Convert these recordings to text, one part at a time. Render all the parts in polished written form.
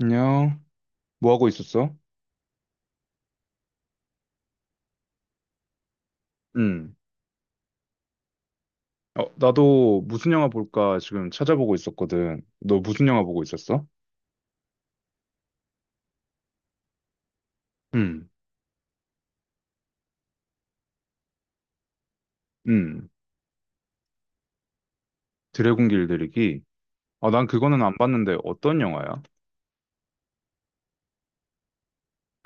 안녕. 뭐 하고 있었어? 응. 나도 무슨 영화 볼까 지금 찾아보고 있었거든. 너 무슨 영화 보고 있었어? 응. 응. 드래곤 길들이기. 아, 난 그거는 안 봤는데 어떤 영화야?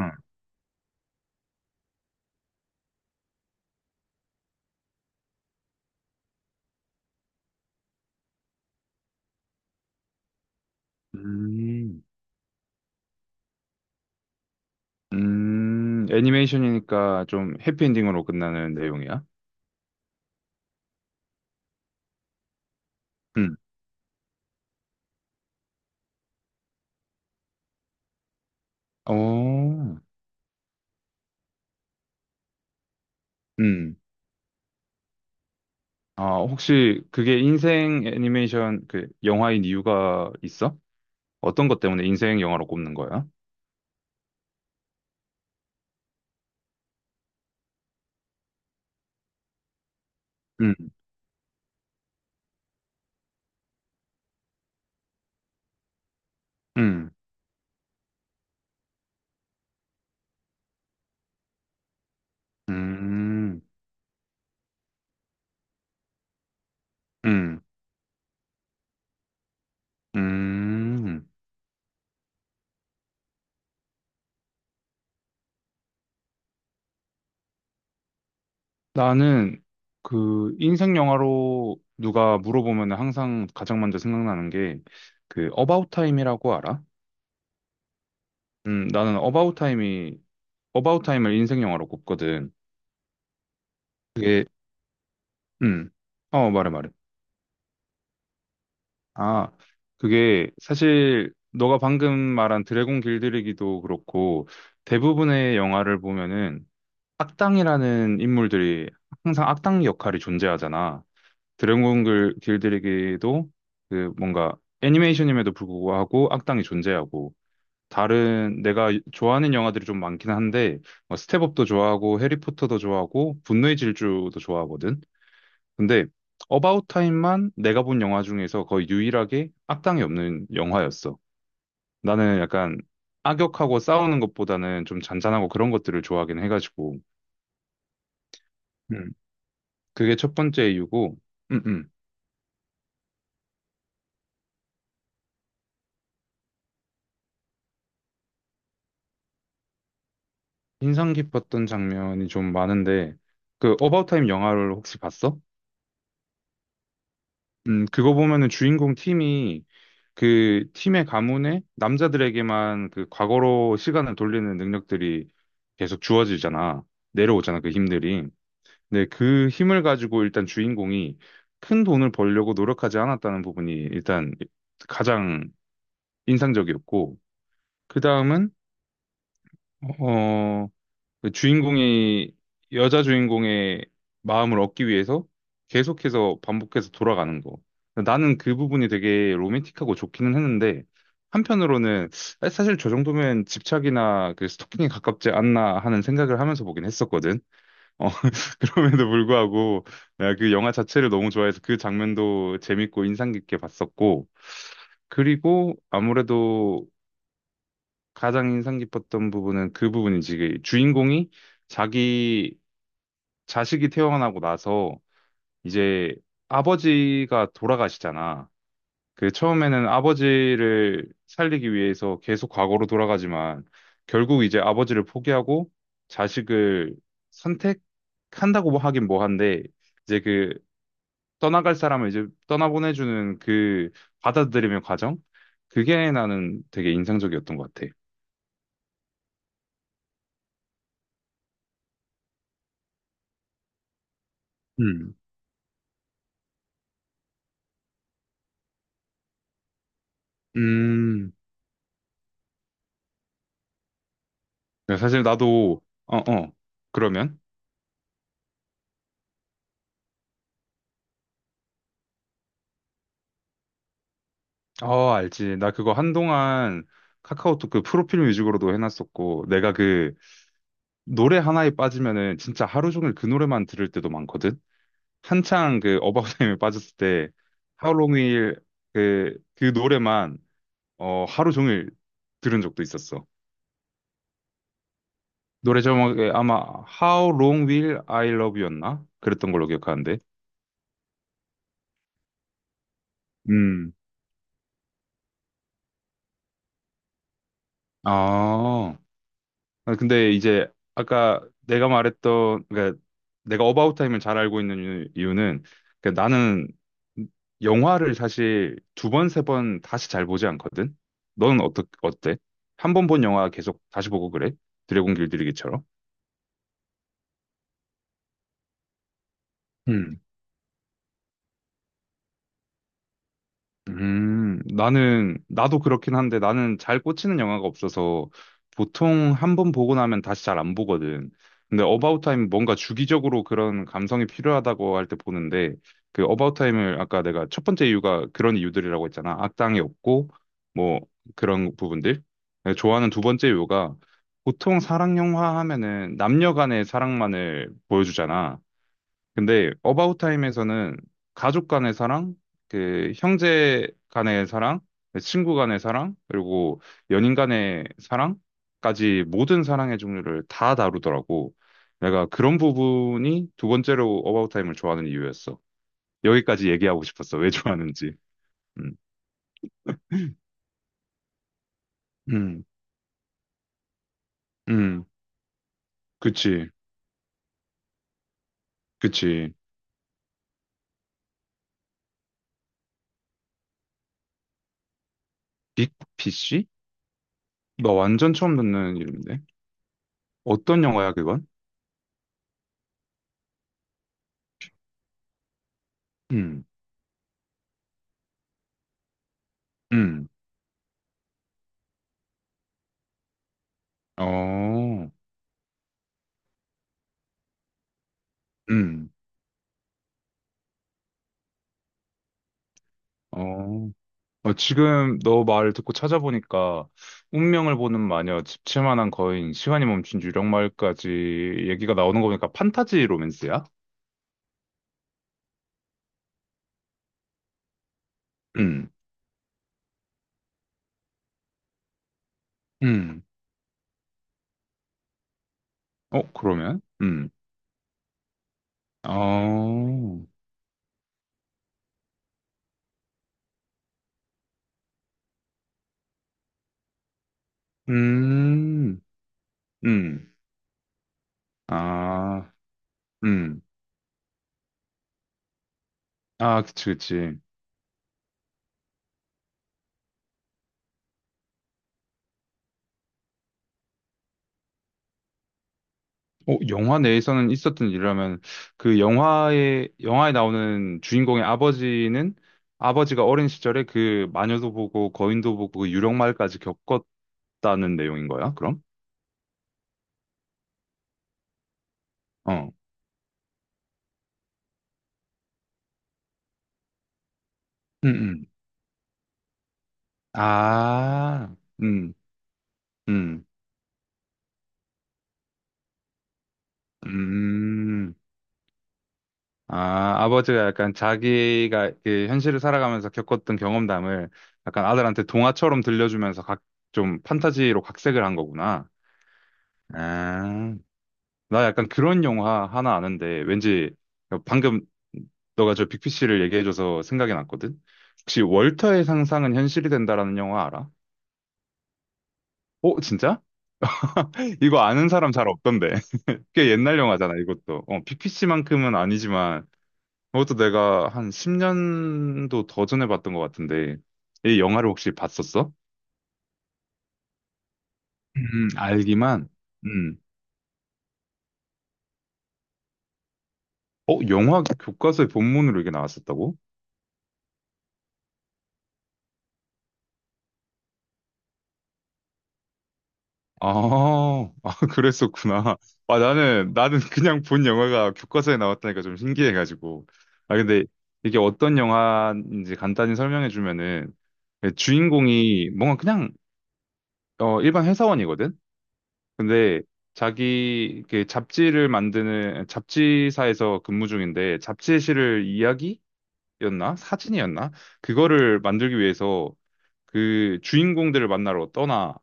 응. 음. 음. 애니메이션이니까 좀 해피엔딩으로 끝나는 내용이야? 응. 어. 응. 아, 혹시 그게 인생 애니메이션 그 영화인 이유가 있어? 어떤 것 때문에 인생 영화로 꼽는 거야? 응. 음, 음. 음, 음. 나는 그 인생 영화로 누가 물어보면 항상 가장 먼저 생각나는 게 그 어바웃 타임이라고 알아? 나는 어바웃 타임을 인생 영화로 꼽거든. 그게 음. 말해 말해. 아, 그게 사실 너가 방금 말한 드래곤 길들이기도 그렇고 대부분의 영화를 보면은 악당이라는 인물들이 항상 악당 역할이 존재하잖아. 길들이기도 그 뭔가 애니메이션임에도 불구하고 악당이 존재하고 다른 내가 좋아하는 영화들이 좀 많긴 한데 뭐 스텝업도 좋아하고 해리포터도 좋아하고 분노의 질주도 좋아하거든. 근데 어바웃 타임만 내가 본 영화 중에서 거의 유일하게 악당이 없는 영화였어. 나는 약간 악역하고 싸우는 것보다는 좀 잔잔하고 그런 것들을 좋아하긴 해가지고 음. 그게 첫 번째 이유고 음, 음. 인상 깊었던 장면이 좀 많은데 그 어바웃 타임 영화를 혹시 봤어? 그거 보면은 주인공 팀이 그 팀의 가문에 남자들에게만 그 과거로 시간을 돌리는 능력들이 계속 주어지잖아. 내려오잖아, 그 힘들이. 근데 그 힘을 가지고 일단 주인공이 큰 돈을 벌려고 노력하지 않았다는 부분이 일단 가장 인상적이었고, 그 다음은, 어, 그 주인공이 여자 주인공의 마음을 얻기 위해서 계속해서 반복해서 돌아가는 거. 나는 그 부분이 되게 로맨틱하고 좋기는 했는데 한편으로는 아, 사실 저 정도면 집착이나 그 스토킹에 가깝지 않나 하는 생각을 하면서 보긴 했었거든. 어, 그럼에도 불구하고 내가 그 영화 자체를 너무 좋아해서 그 장면도 재밌고 인상 깊게 봤었고 그리고 아무래도 가장 인상 깊었던 부분은 그 부분이지. 그 주인공이 자기 자식이 태어나고 나서 이제 아버지가 돌아가시잖아. 그 처음에는 아버지를 살리기 위해서 계속 과거로 돌아가지만 결국 이제 아버지를 포기하고 자식을 선택한다고 뭐 하긴 뭐한데 이제 그 떠나갈 사람을 이제 떠나보내주는 그 받아들이는 과정? 그게 나는 되게 인상적이었던 것 같아. 음. 음. 사실 나도, 그러면? 어, 알지. 나 그거 한동안 카카오톡 그 프로필 뮤직으로도 해놨었고, 내가 그 노래 하나에 빠지면은 진짜 하루 종일 그 노래만 들을 때도 많거든? 한창 그 어바웃 타임에 빠졌을 때 하루 종일 그 노래만 하루 종일 들은 적도 있었어. 노래 제목에 아마 How Long Will I Love You였나? 그랬던 걸로 기억하는데. 음. 아. 아, 근데 이제 아까 내가 말했던 그러니까 내가 어바웃 타임을 잘 알고 있는 이유는 그러니까 나는 영화를 사실 두 번, 세 번 다시 잘 보지 않거든. 너는 어때? 한 번 본 영화 계속 다시 보고 그래? 드래곤 길들이기처럼. 나도 그렇긴 한데 나는 잘 꽂히는 영화가 없어서 보통 한 번 보고 나면 다시 잘 안 보거든. 근데 어바웃 타임 뭔가 주기적으로 그런 감성이 필요하다고 할 때 보는데 그 어바웃 타임을 아까 내가 첫 번째 이유가 그런 이유들이라고 했잖아. 악당이 없고 뭐 그런 부분들. 내가 좋아하는 두 번째 이유가 보통 사랑 영화 하면은 남녀 간의 사랑만을 보여주잖아. 근데 어바웃 타임에서는 가족 간의 사랑, 그 형제 간의 사랑, 친구 간의 사랑, 그리고 연인 간의 사랑까지 모든 사랑의 종류를 다 다루더라고. 내가 그런 부분이 두 번째로 어바웃 타임을 좋아하는 이유였어. 여기까지 얘기하고 싶었어. 왜 좋아하는지. 음, 음, 음, 그치, 그치. 빅피쉬? 나 완전 처음 듣는 이름인데. 어떤 영화야, 그건? 음, 음, 어, 음. 어, 어, 지금 너 말을 듣고 찾아보니까 운명을 보는 마녀, 집채만한 거인, 시간이 멈춘 유령마을까지 얘기가 나오는 거 보니까 판타지 로맨스야? 음, 음. 어, 그러면? 음. 어, 음, 음. 아, 음. 아, 그치, 그치. 어, 영화 내에서는 있었던 일이라면 그 영화에 나오는 주인공의 아버지는 아버지가 어린 시절에 그 마녀도 보고 거인도 보고 그 유령말까지 겪었다는 내용인 거야? 그럼? 어. 음, 음. 아. 음. 음. 음. 아, 아버지가 약간 자기가 그 현실을 살아가면서 겪었던 경험담을 약간 아들한테 동화처럼 들려주면서 각 좀 판타지로 각색을 한 거구나. 아. 나 약간 그런 영화 하나 아는데 왠지 방금 너가 저 빅피씨를 얘기해줘서 생각이 났거든. 혹시 월터의 상상은 현실이 된다라는 영화 알아? 어, 진짜? 이거 아는 사람 잘 없던데. 꽤 옛날 영화잖아, 이것도. 어, 빅피씨만큼은 아니지만 그것도 내가 한 10년도 더 전에 봤던 것 같은데 이 영화를 혹시 봤었어? 알기만. 음. 어, 영화 교과서의 본문으로 이게 나왔었다고? 아, 아, 그랬었구나. 아, 나는 그냥 본 영화가 교과서에 나왔다니까 좀 신기해가지고. 아, 근데 이게 어떤 영화인지 간단히 설명해주면은, 그 주인공이 뭔가 그냥, 어, 일반 회사원이거든? 근데 자기, 이렇게 잡지를 만드는, 잡지사에서 근무 중인데, 잡지에 실을 이야기였나? 사진이었나? 그거를 만들기 위해서 그 주인공들을 만나러 떠나.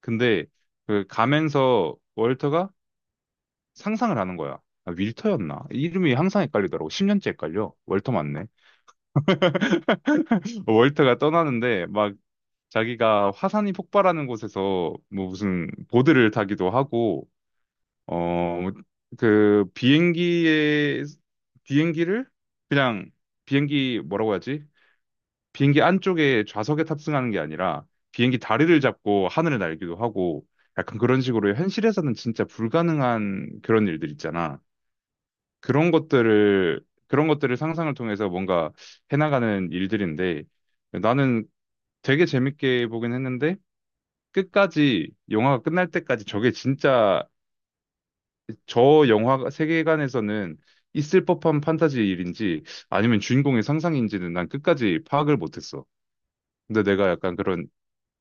근데 그 가면서 월터가 상상을 하는 거야. 아, 윌터였나? 이름이 항상 헷갈리더라고. 10년째 헷갈려. 월터 맞네. 월터가 떠나는데 막 자기가 화산이 폭발하는 곳에서 뭐 무슨 보드를 타기도 하고 어 그 비행기에 비행기를 그냥 비행기 뭐라고 하지? 비행기 안쪽에 좌석에 탑승하는 게 아니라 비행기 다리를 잡고 하늘을 날기도 하고 약간 그런 식으로 현실에서는 진짜 불가능한 그런 일들 있잖아. 그런 것들을 상상을 통해서 뭔가 해나가는 일들인데 나는 되게 재밌게 보긴 했는데 끝까지 영화가 끝날 때까지 저게 진짜 저 영화 세계관에서는 있을 법한 판타지 일인지 아니면 주인공의 상상인지는 난 끝까지 파악을 못했어. 근데 내가 약간 그런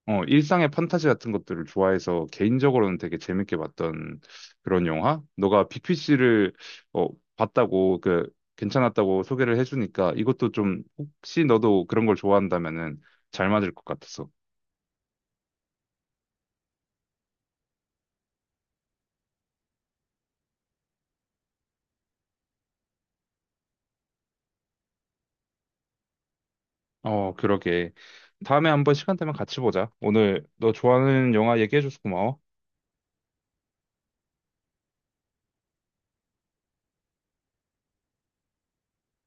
어, 일상의 판타지 같은 것들을 좋아해서 개인적으로는 되게 재밌게 봤던 그런 영화? 너가 빅피시를 어, 봤다고 그 괜찮았다고 소개를 해주니까 이것도 좀 혹시 너도 그런 걸 좋아한다면은 잘 맞을 것 같았어. 어, 그러게. 다음에 한번 시간 되면 같이 보자. 오늘 너 좋아하는 영화 얘기해줘서 고마워.